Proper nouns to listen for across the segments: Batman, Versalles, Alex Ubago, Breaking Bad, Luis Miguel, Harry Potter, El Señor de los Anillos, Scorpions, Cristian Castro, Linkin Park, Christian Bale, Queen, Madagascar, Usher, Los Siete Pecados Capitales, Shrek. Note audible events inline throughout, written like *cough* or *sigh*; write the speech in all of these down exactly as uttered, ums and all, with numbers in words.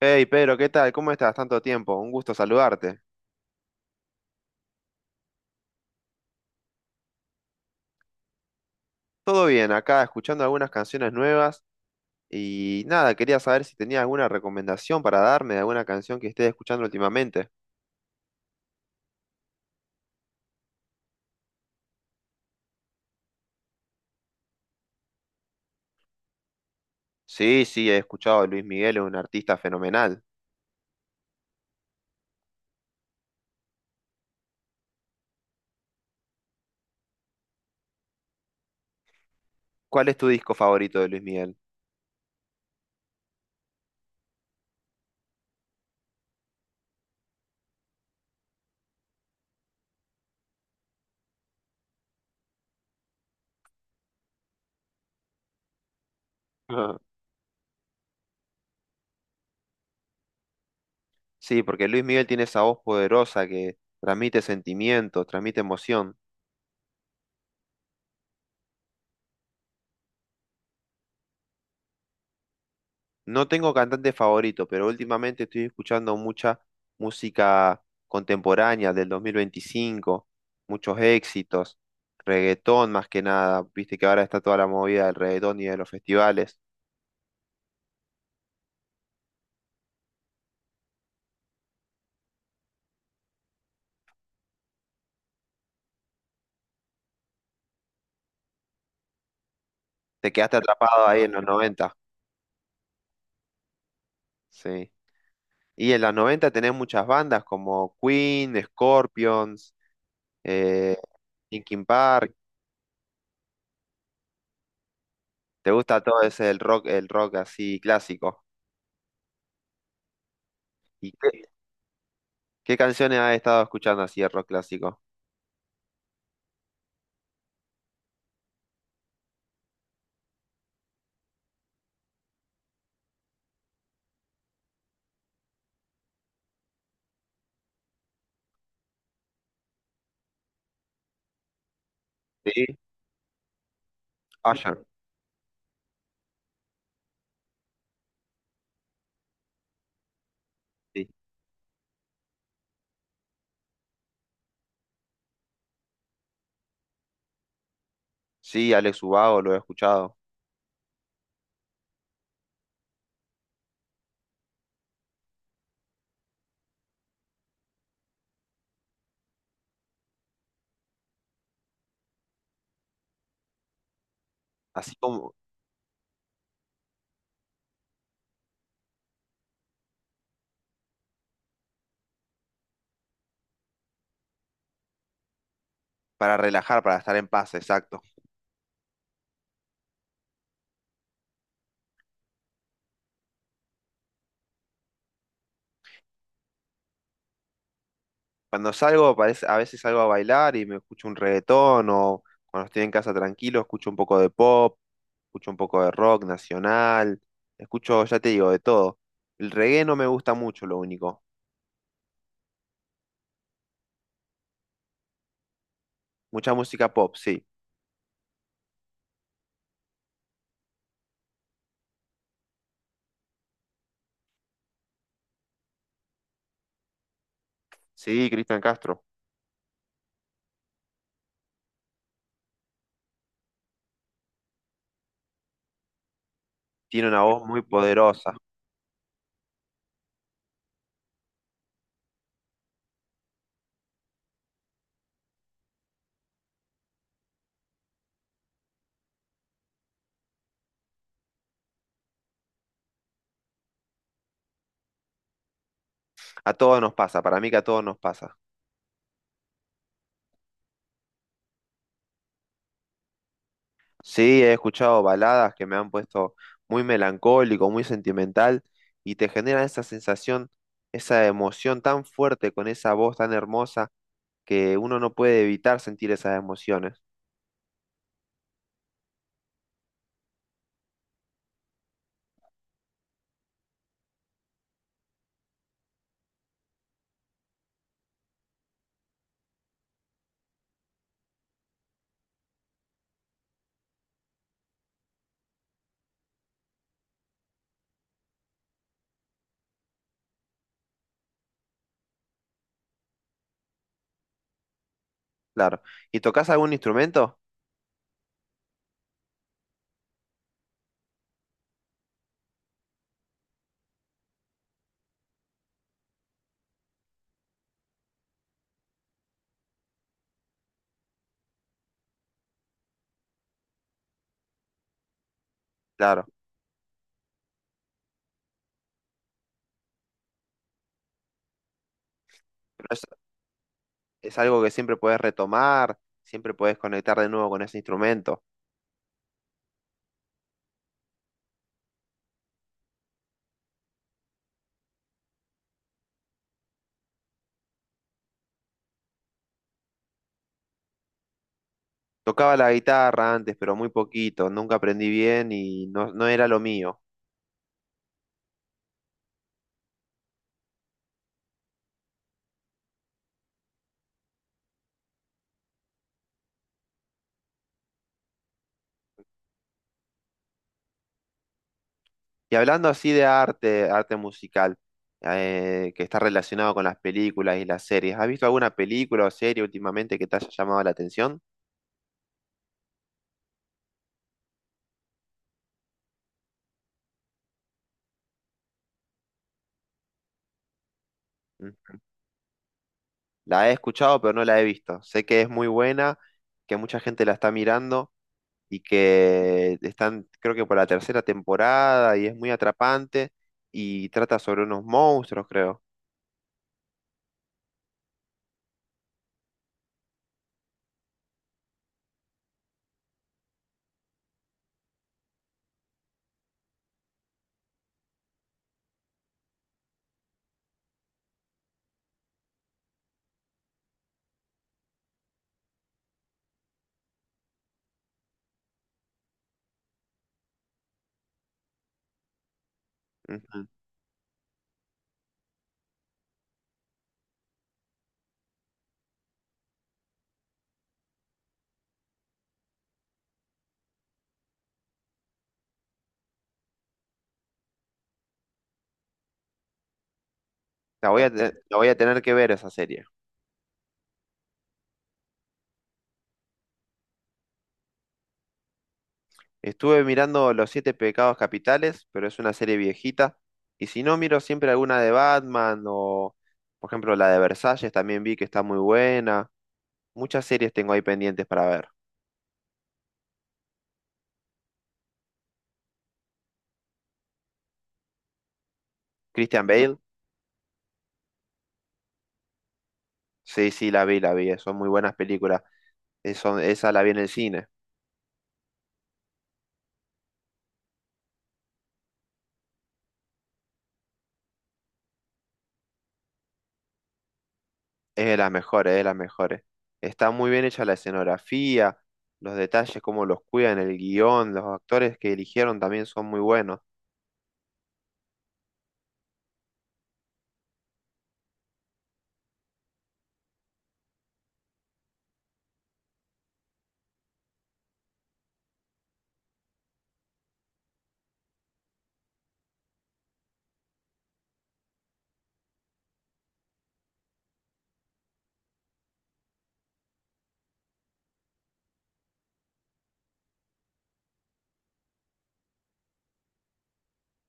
Hey Pedro, ¿qué tal? ¿Cómo estás? Tanto tiempo, un gusto saludarte. Todo bien, acá escuchando algunas canciones nuevas y nada, quería saber si tenías alguna recomendación para darme de alguna canción que estés escuchando últimamente. Sí, sí, he escuchado a Luis Miguel, es un artista fenomenal. ¿Cuál es tu disco favorito de Luis Miguel? *laughs* Sí, porque Luis Miguel tiene esa voz poderosa que transmite sentimientos, transmite emoción. No tengo cantante favorito, pero últimamente estoy escuchando mucha música contemporánea del dos mil veinticinco, muchos éxitos, reggaetón más que nada. Viste que ahora está toda la movida del reggaetón y de los festivales. Te quedaste atrapado ahí en los 90, sí. Y en los 90 tenés muchas bandas como Queen, Scorpions, eh, Linkin Park. ¿Te gusta todo ese el rock, el rock así clásico? ¿Y qué, qué canciones has estado escuchando así de rock clásico? Sí, Usher. Sí, Sí, Alex Ubago lo he escuchado. Así como para relajar, para estar en paz, exacto. Cuando salgo, parece- a veces salgo a bailar y me escucho un reggaetón o cuando estoy en casa tranquilo, escucho un poco de pop, escucho un poco de rock nacional, escucho, ya te digo, de todo. El reggae no me gusta mucho, lo único. Mucha música pop, sí. Sí, Cristian Castro. Tiene una voz muy poderosa. A todos nos pasa, para mí que a todos nos pasa. Sí, he escuchado baladas que me han puesto muy melancólico, muy sentimental, y te generan esa sensación, esa emoción tan fuerte con esa voz tan hermosa que uno no puede evitar sentir esas emociones. Claro. ¿Y tocas algún instrumento? Claro. Pero es, es algo que siempre puedes retomar, siempre puedes conectar de nuevo con ese instrumento. Tocaba la guitarra antes, pero muy poquito, nunca aprendí bien y no, no era lo mío. Y hablando así de arte, arte musical, eh, que está relacionado con las películas y las series, ¿has visto alguna película o serie últimamente que te haya llamado la atención? Mm. La he escuchado, pero no la he visto. Sé que es muy buena, que mucha gente la está mirando y que están, creo que por la tercera temporada y es muy atrapante y trata sobre unos monstruos, creo. Ujú. La voy a, te- la voy a tener que ver esa serie. Estuve mirando Los Siete Pecados Capitales, pero es una serie viejita. Y si no, miro siempre alguna de Batman o, por ejemplo, la de Versalles, también vi que está muy buena. Muchas series tengo ahí pendientes para ver. Christian Bale, sí, sí, la vi, la vi. Son muy buenas películas. Eh, son- esa la vi en el cine. Es de las mejores, es de las mejores. Está muy bien hecha la escenografía, los detalles, cómo los cuidan, el guión, los actores que eligieron también son muy buenos.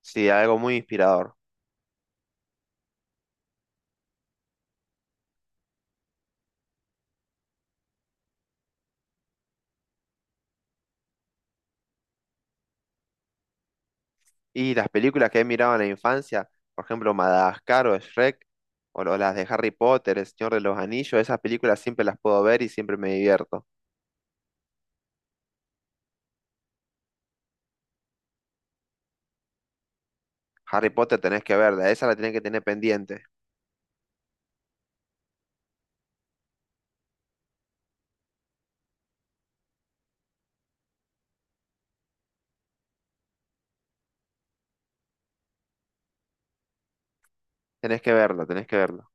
Sí, algo muy inspirador. Y las películas que he mirado en la infancia, por ejemplo, Madagascar o Shrek, o lo- las de Harry Potter, El Señor de los Anillos, esas películas siempre las puedo ver y siempre me divierto. Harry Potter tenés que verla, esa la tenés que tener pendiente. Tenés que verla, tenés que verla.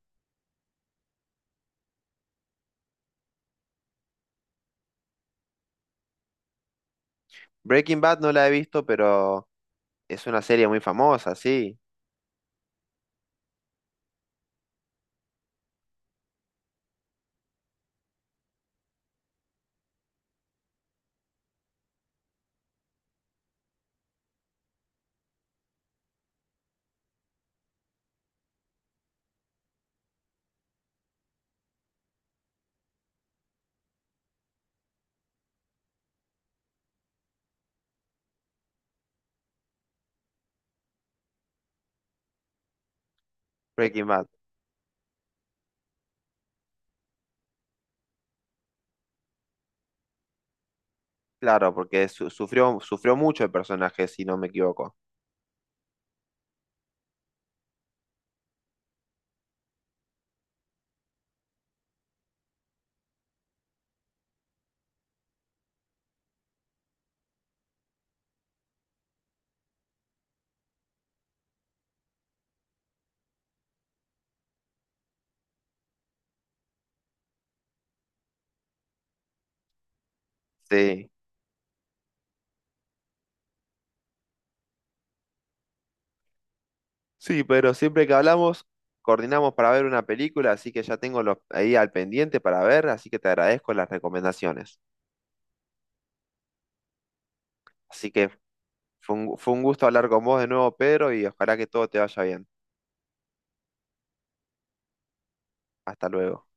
Breaking Bad no la he visto, pero es una serie muy famosa, sí. Breaking Bad, claro, porque su- sufrió, sufrió mucho el personaje, si no me equivoco. Sí. Sí, pero siempre que hablamos, coordinamos para ver una película, así que ya tengo los, ahí al pendiente para ver, así que te agradezco las recomendaciones. Así que fue un, fue un gusto hablar con vos de nuevo, Pedro, y ojalá que todo te vaya bien. Hasta luego.